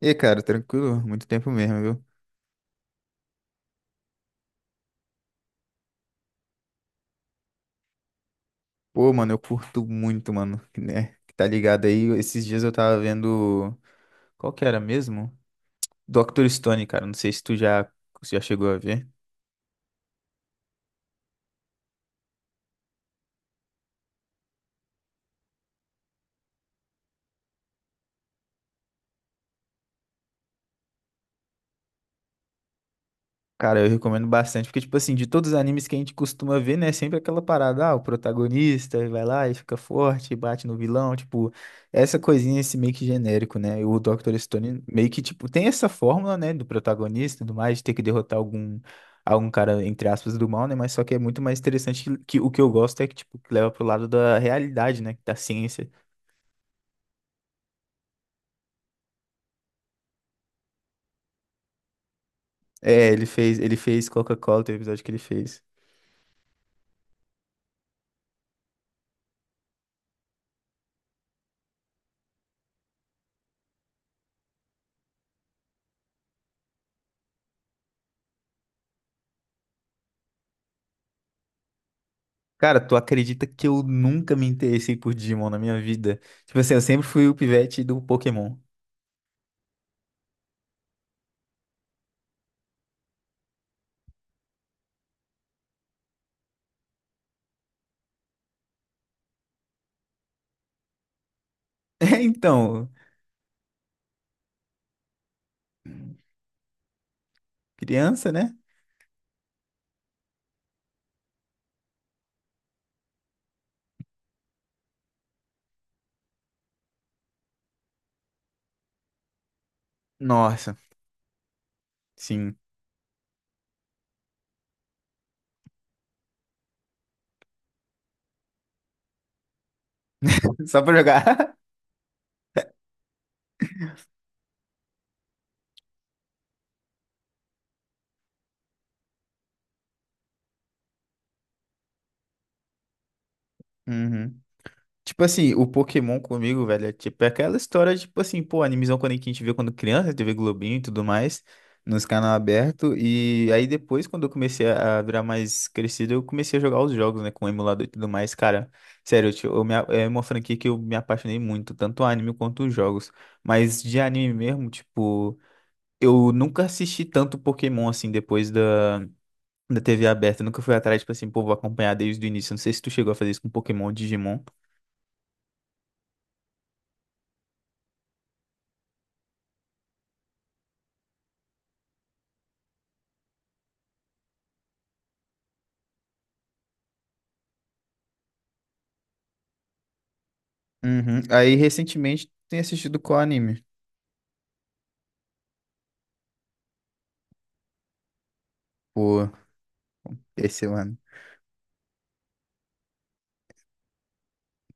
E, cara, tranquilo? Muito tempo mesmo, viu? Pô, mano, eu curto muito, mano, né? Que tá ligado aí? Esses dias eu tava vendo. Qual que era mesmo? Dr. Stone, cara. Não sei se tu já chegou a ver. Cara, eu recomendo bastante, porque, tipo assim, de todos os animes que a gente costuma ver, né, sempre aquela parada, ah, o protagonista vai lá e fica forte, bate no vilão, tipo, essa coisinha, esse meio que genérico, né, e o Dr. Stone meio que, tipo, tem essa fórmula, né, do protagonista e tudo mais, de ter que derrotar algum, cara, entre aspas, do mal, né, mas só que é muito mais interessante que o que eu gosto é que, tipo, que leva pro lado da realidade, né, da ciência. É, ele fez Coca-Cola, tem o episódio que ele fez. Cara, tu acredita que eu nunca me interessei por Digimon na minha vida? Tipo assim, eu sempre fui o pivete do Pokémon. É, então, criança, né? Nossa, sim. Só pra jogar. Uhum. Tipo assim, o Pokémon comigo, velho, é tipo é aquela história, tipo assim, pô, animizão quando a gente vê quando criança, tê vê Globinho e tudo mais, nos canal aberto. E aí depois, quando eu comecei a virar mais crescido, eu comecei a jogar os jogos, né, com o emulador e tudo mais. Cara, sério, eu, te- eu me a- é uma franquia que eu me apaixonei muito, tanto o anime quanto os jogos. Mas de anime mesmo, tipo, eu nunca assisti tanto Pokémon assim depois da TV aberta. Eu nunca fui atrás, tipo assim, pô, vou acompanhar desde o início. Não sei se tu chegou a fazer isso com Pokémon ou Digimon. Uhum. Aí, recentemente, tem assistido qual anime? Pô, esse ano.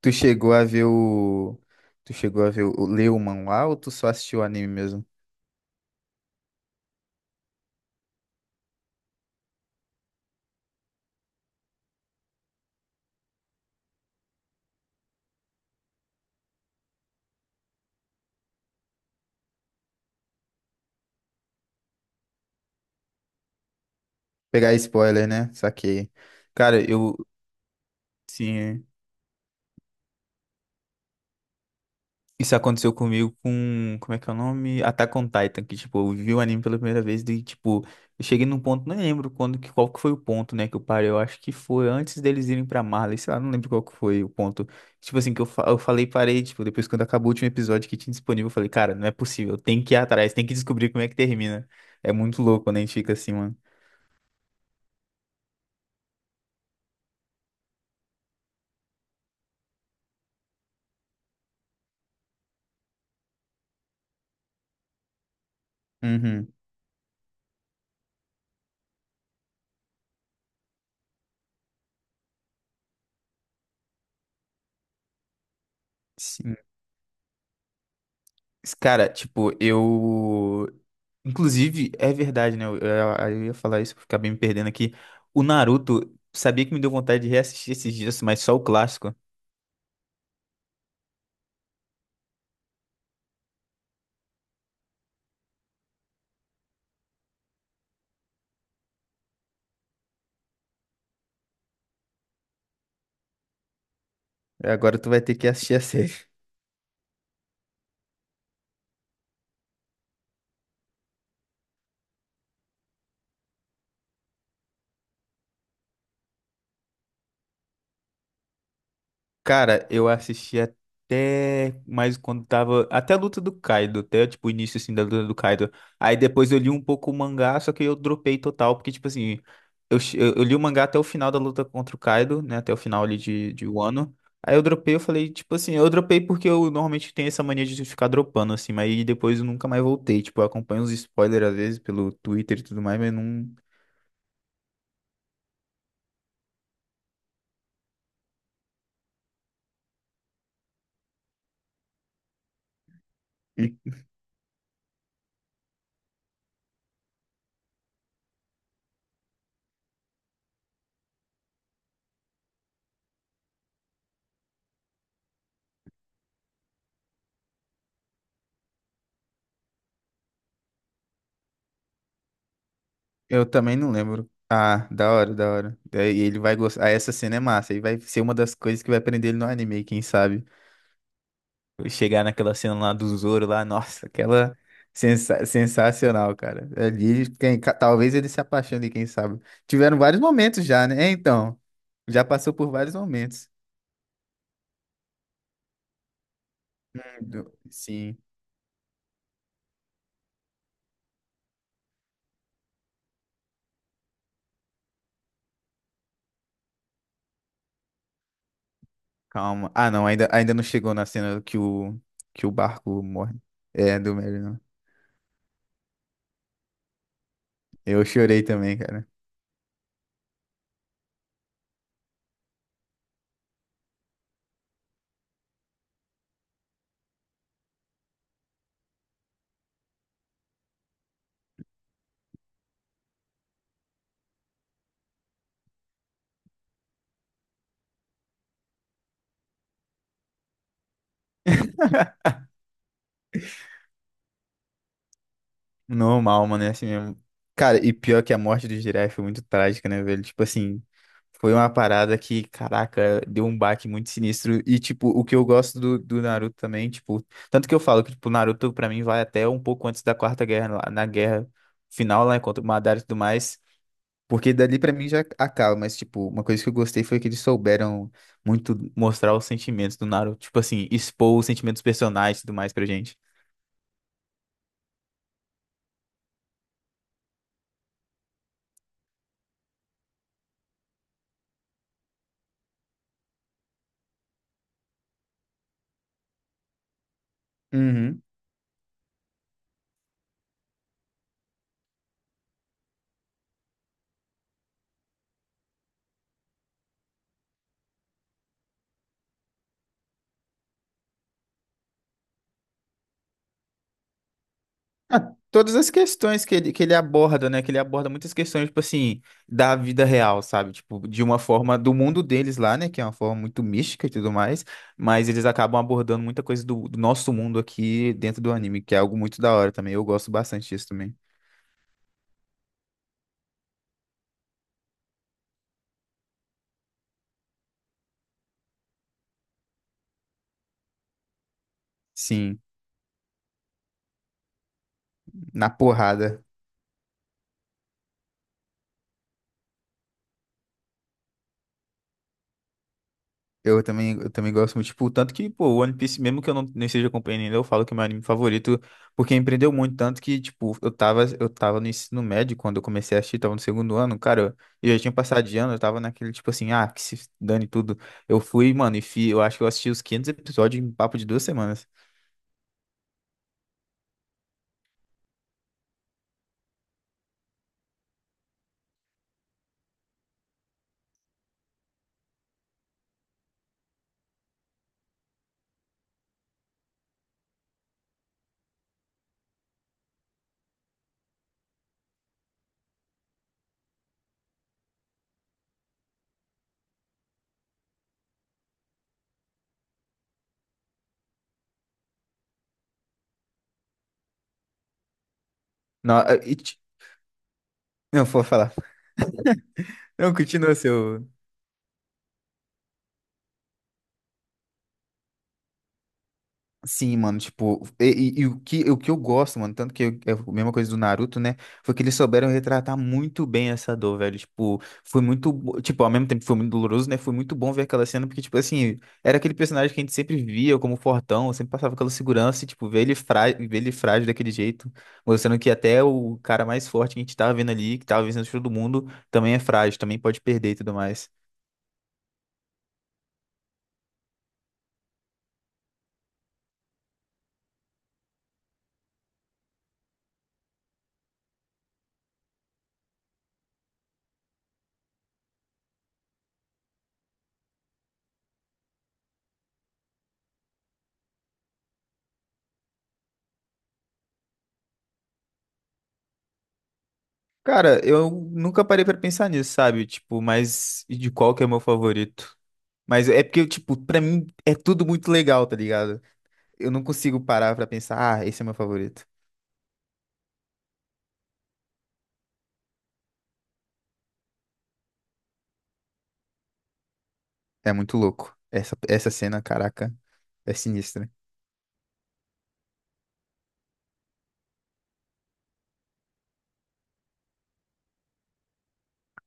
Tu chegou a ver o. Tu chegou a ver o. Ler o manhwa ou tu só assistiu o anime mesmo? Pegar spoiler, né? Saquei. Cara, eu. Sim. Isso aconteceu comigo com, como é que é o nome? Attack on Titan, que, tipo, eu vi o anime pela primeira vez e, tipo, eu cheguei num ponto, não lembro quando, que, qual que foi o ponto, né, que eu parei, eu acho que foi antes deles irem pra Marley, sei lá, não lembro qual que foi o ponto, tipo assim, que eu, eu falei, parei, tipo, depois quando acabou o último episódio que tinha disponível, eu falei, cara, não é possível, tem que ir atrás, tem que descobrir como é que termina, é muito louco quando a gente fica assim, mano. Uhum. Sim. Cara, tipo, eu. Inclusive, é verdade, né? Eu ia falar isso, acabei me perdendo aqui. O Naruto, sabia que me deu vontade de reassistir esses dias, mas só o clássico. Agora tu vai ter que assistir a série. Cara, eu assisti até mais quando tava. Até a luta do Kaido, até tipo o início assim da luta do Kaido. Aí depois eu li um pouco o mangá, só que eu dropei total, porque tipo assim, eu li o mangá até o final da luta contra o Kaido, né? Até o final ali de, Wano. Aí eu dropei, eu falei, tipo assim, eu dropei porque eu normalmente tenho essa mania de ficar dropando, assim, mas aí depois eu nunca mais voltei. Tipo, eu acompanho os spoilers às vezes pelo Twitter e tudo mais, mas não. Eu também não lembro. Ah, da hora, da hora. É. E ele vai gostar. Ah, essa cena é massa. E vai ser uma das coisas que vai prender ele no anime, quem sabe? Chegar naquela cena lá do Zoro lá, nossa, aquela sensacional, cara. Ali, quem... talvez ele se apaixone, quem sabe? Tiveram vários momentos já, né? É, então, já passou por vários momentos. Sim, calma. Ah, não, ainda, ainda não chegou na cena que o barco morre. É, do Merry, não. Eu chorei também, cara. Normal, mano, é assim mesmo. Cara, e pior que a morte do Jiraiya foi muito trágica, né, velho? Tipo assim, foi uma parada que, caraca, deu um baque muito sinistro. E, tipo, o que eu gosto do, Naruto também, tipo, tanto que eu falo que, tipo, o Naruto, pra mim, vai até um pouco antes da Quarta Guerra, na guerra final, lá, contra o Madara e tudo mais. Porque dali pra mim já acaba, mas, tipo, uma coisa que eu gostei foi que eles souberam muito mostrar os sentimentos do Naruto. Tipo assim, expor os sentimentos dos personagens e tudo mais pra gente. Uhum. Ah, todas as questões que ele aborda, né? Que ele aborda muitas questões, tipo assim, da vida real, sabe? Tipo, de uma forma do mundo deles lá, né? Que é uma forma muito mística e tudo mais. Mas eles acabam abordando muita coisa do, nosso mundo aqui dentro do anime, que é algo muito da hora também. Eu gosto bastante disso também. Sim, na porrada. Eu também gosto muito, tipo, tanto que, pô, o One Piece, mesmo que eu não, não esteja acompanhando ainda, eu falo que é meu anime favorito, porque empreendeu muito, tanto que, tipo, eu tava no ensino médio quando eu comecei a assistir, tava no segundo ano, cara, eu já tinha passado de ano, eu tava naquele, tipo assim, ah, que se dane tudo. Eu fui, mano, eu acho que eu assisti os 500 episódios em papo de 2 semanas. Não, e, ti- não, vou falar. Não, continua seu. Sim, mano, tipo, e o que eu gosto, mano, tanto que é a mesma coisa do Naruto, né? Foi que eles souberam retratar muito bem essa dor, velho. Tipo, foi muito, tipo, ao mesmo tempo que foi muito doloroso, né? Foi muito bom ver aquela cena, porque, tipo, assim, era aquele personagem que a gente sempre via como fortão, sempre passava aquela segurança, e, tipo, ver ele frágil daquele jeito, mostrando que até o cara mais forte que a gente tava vendo ali, que tava vencendo todo mundo, também é frágil, também pode perder e tudo mais. Cara, eu nunca parei pra pensar nisso, sabe? Tipo, mas e de qual que é meu favorito? Mas é porque, tipo, pra mim é tudo muito legal, tá ligado? Eu não consigo parar pra pensar, ah, esse é meu favorito. É muito louco. Essa cena, caraca, é sinistra.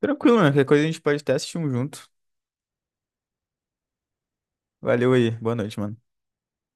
Tranquilo, mano. Qualquer coisa a gente pode até assistir um junto. Valeu aí. Boa noite, mano.